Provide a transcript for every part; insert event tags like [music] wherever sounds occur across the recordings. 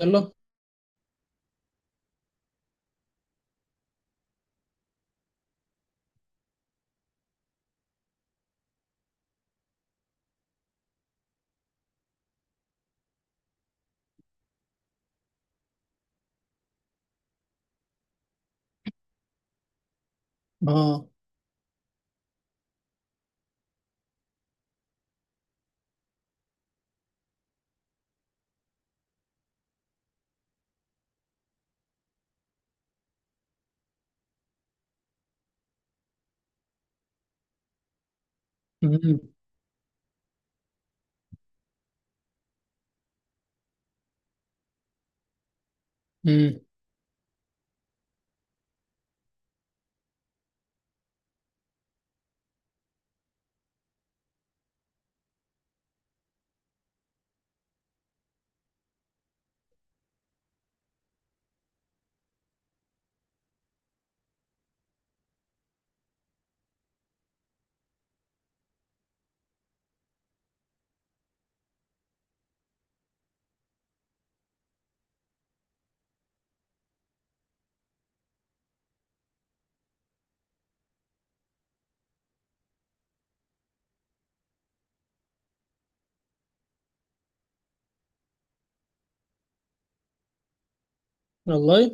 يلا. اه. امم، امم. والله.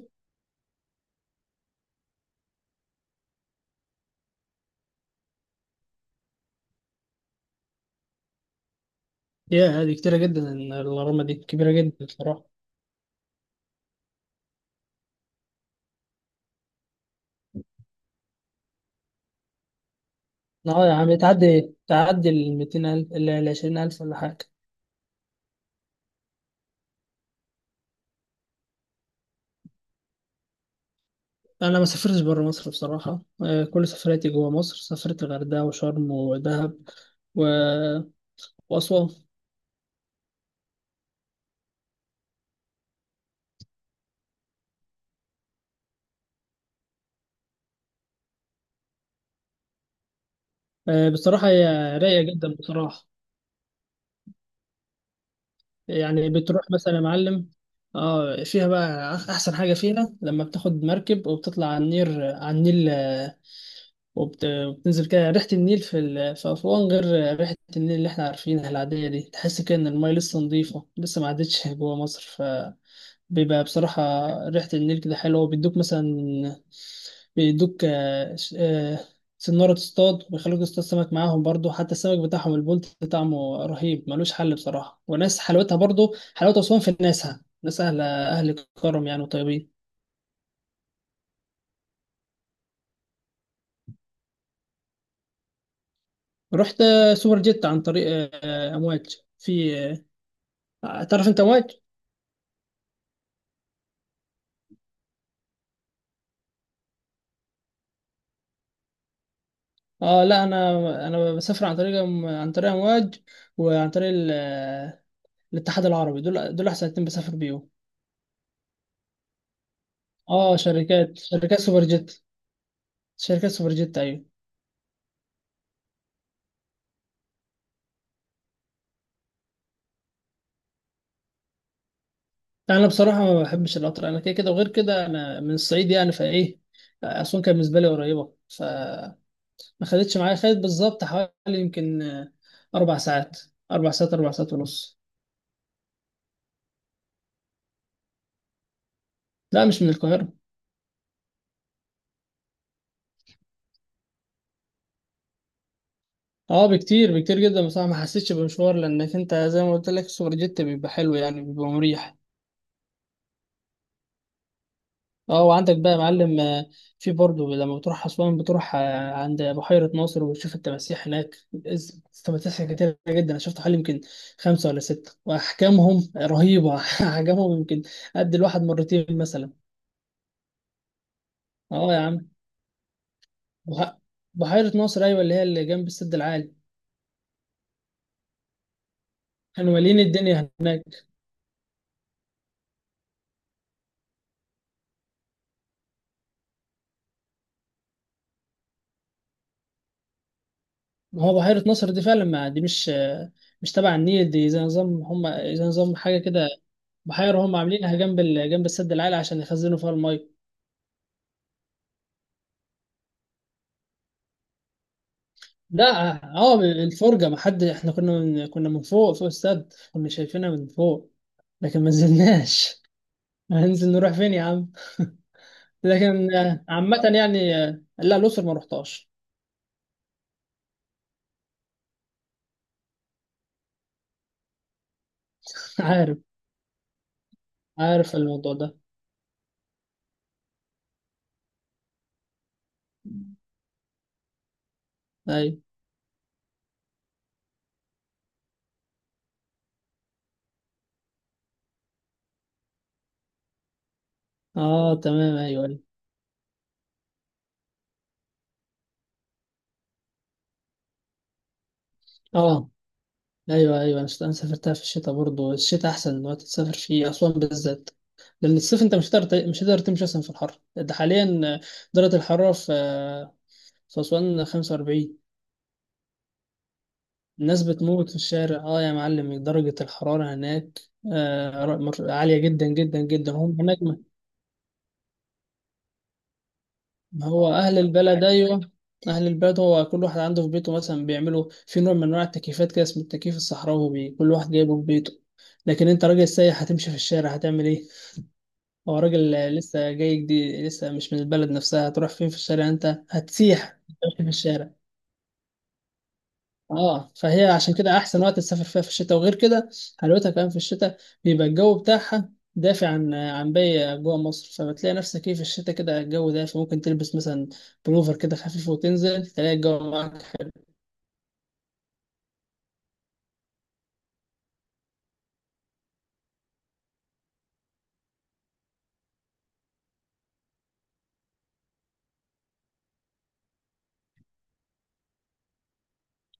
يا هذه كتيرة جدا، الغرامة دي كبيرة جدا بصراحة. اه يا عم، تعدي ال 200,000 ال 20,000 ولا حاجة. انا ما سافرتش بره مصر بصراحة. كل سفرياتي جوه مصر، سافرت الغردقة وشرم ودهب و... وأسوان. بصراحة هي رايقة جدا بصراحة. يعني بتروح مثلا يا معلم. اه، فيها بقى أحسن حاجة فيها لما بتاخد مركب وبتطلع على النيل وبتنزل كده ريحة النيل في أسوان غير ريحة النيل اللي احنا عارفينها العادية دي. تحس كده إن المية لسه نظيفة، لسه ما عدتش جوا مصر. فبيبقى بصراحة ريحة النيل كده حلوة. وبيدوك مثلا، بيدوك سنارة تصطاد، وبيخلوك تصطاد سمك معاهم برضو. حتى السمك بتاعهم البولت طعمه رهيب، ملوش حل بصراحة. وناس حلاوتها برضو، حلاوة أسوان في ناسها، ناس أهل كرم يعني وطيبين. رحت سوبر جيت عن طريق أمواج. في، تعرف انت امواج؟ اه لا، انا بسافر عن طريق امواج. وعن طريق ال- الاتحاد العربي، دول احسن اتنين بسافر بيهم. اه شركات سوبر جيت، شركات سوبر جيت ايوه. انا بصراحه ما بحبش القطر، انا كده كده، وغير كده انا من الصعيد يعني. فايه اسوان كانت بالنسبه لي قريبه، فما خدتش معايا. خدت بالظبط حوالي يمكن اربع ساعات اربع ساعات ونص. لا مش من القاهره. اه بكتير، بكتير جدا بصراحه. ما حسيتش بمشوار، لانك انت زي ما قلت لك السوبر جيت بيبقى حلو، يعني بيبقى مريح. اه وعندك بقى يا معلم. في برضه لما بتروح اسوان بتروح عند بحيره ناصر وبتشوف التماسيح هناك. التماسيح كتير جدا، انا شفت حوالي يمكن خمسه ولا سته، واحجامهم رهيبه [laughs] احجامهم يمكن قد الواحد مرتين مثلا. اه يا عم، بح- بحيره ناصر ايوه، اللي هي اللي جنب السد العالي. كانوا مالين الدنيا هناك. ما هو بحيرة ناصر دي فعلا، ما دي مش تبع النيل، دي زي نظام هم، زي نظام حاجة كده. بحيرة هم عاملينها جنب جنب السد العالي عشان يخزنوا فيها المية. ده اه، الفرجة ما حد، احنا كنا من فوق، فوق السد، كنا شايفينها من فوق، لكن ما نزلناش. [laughs] هننزل نروح فين يا عم؟ [laughs] لكن عامة يعني. لا، الأقصر ما رحتهاش. [laughs] عارف، عارف الموضوع ده. أيوة. اه تمام، ايوه ايوه. اه ايوه، ايوه. انا سافرتها في الشتاء برضه. الشتاء احسن وقت تسافر فيه اسوان بالذات، لان الصيف انت مش هتقدر تمشي اصلا في الحر ده حاليا. درجه الحراره في اسوان 45. الناس بتموت في الشارع. اه يا معلم، درجه الحراره هناك عاليه جدا جدا جدا. هم هناك ما هو اهل البلد، ايوه. اهل البلد هو كل واحد عنده في بيته مثلا بيعملوا في نوع من انواع التكييفات كده، اسمه التكييف الصحراوي، كل واحد جايبه في بيته. لكن انت راجل سايح هتمشي في الشارع هتعمل إيه؟ هو راجل لسه جاي جديد، لسه مش من البلد نفسها، هتروح فين في الشارع؟ انت هتسيح ماشي في الشارع. اه فهي عشان كده احسن وقت تسافر فيها في الشتاء. وغير كده، حلاوتها كمان في الشتاء، بيبقى الجو بتاعها دافع عن باقي جوه مصر. فبتلاقي نفسك ايه في الشتاء، كده الجو دافي، ممكن تلبس مثلا بلوفر كده خفيف، وتنزل تلاقي الجو معاك.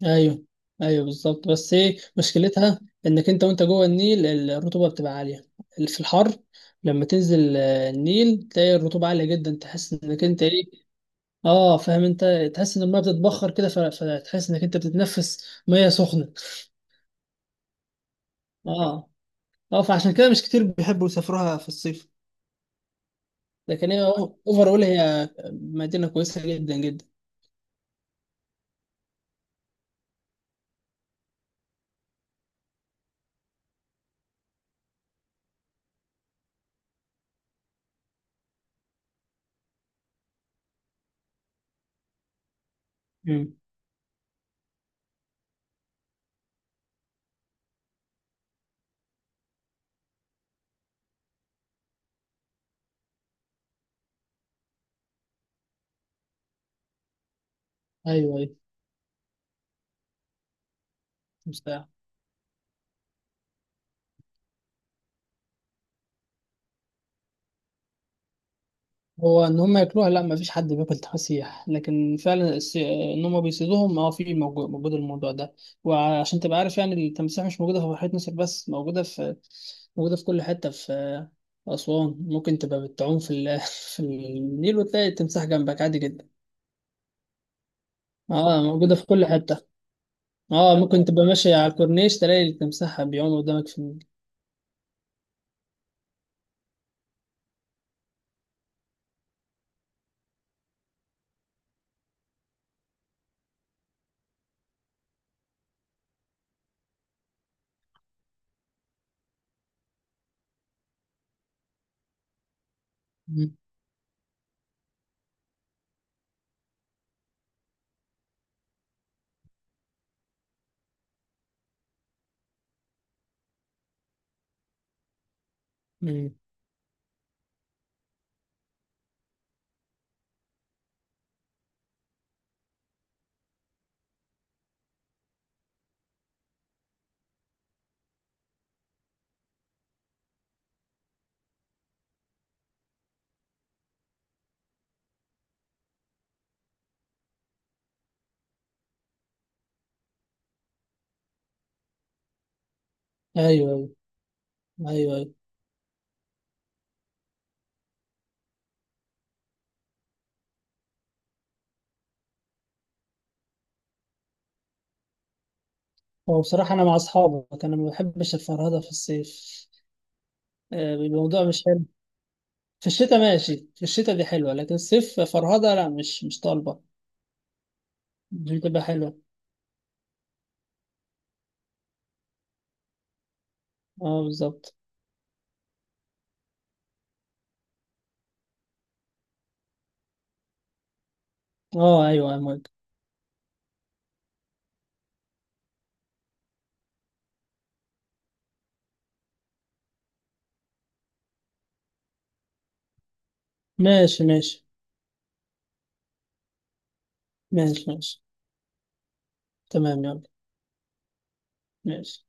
ايوه، ايوه بالظبط. بس ايه مشكلتها؟ انك انت وانت جوه النيل الرطوبه بتبقى عاليه في الحر. لما تنزل النيل تلاقي الرطوبه عاليه جدا، تحس انك انت ايه. اه فاهم انت. تحس ان الميه بتتبخر كده، فتحس انك انت بتتنفس ميه سخنه. اه. اه، فعشان كده مش كتير بيحبوا يسافروها في الصيف. لكن هي اوفر اول، هي مدينه كويسه جدا جدا. امم. ايوه، ايوه. هو ان هم ياكلوها؟ لا، ما فيش حد بياكل تفاسيح. لكن فعلا ان هم بيصيدوهم، اه، في موجود الموضوع ده. وعشان تبقى عارف يعني، التمساح مش موجوده في بحيره ناصر بس، موجوده في كل حته في اسوان. ممكن تبقى بتعوم [laughs] في النيل وتلاقي التمساح جنبك عادي جدا. اه، موجوده في كل حته. اه ممكن تبقى ماشي على الكورنيش تلاقي التمساح بيعوم قدامك في النيل. مم. مم. ايوه، ايوه. ايوه، ايوه. هو بصراحه، انا مع اصحابك، انا ما بحبش الفرهده في الصيف. الموضوع مش حلو. في الشتاء ماشي، في الشتاء دي حلوة. لكن الصيف فرهدة لا، مش طالبة. مش بتبقى حلوة. اه بالظبط. اه ايوه يا موافق. ماشي، ماشي. ماشي، ماشي. تمام يلا. ماشي.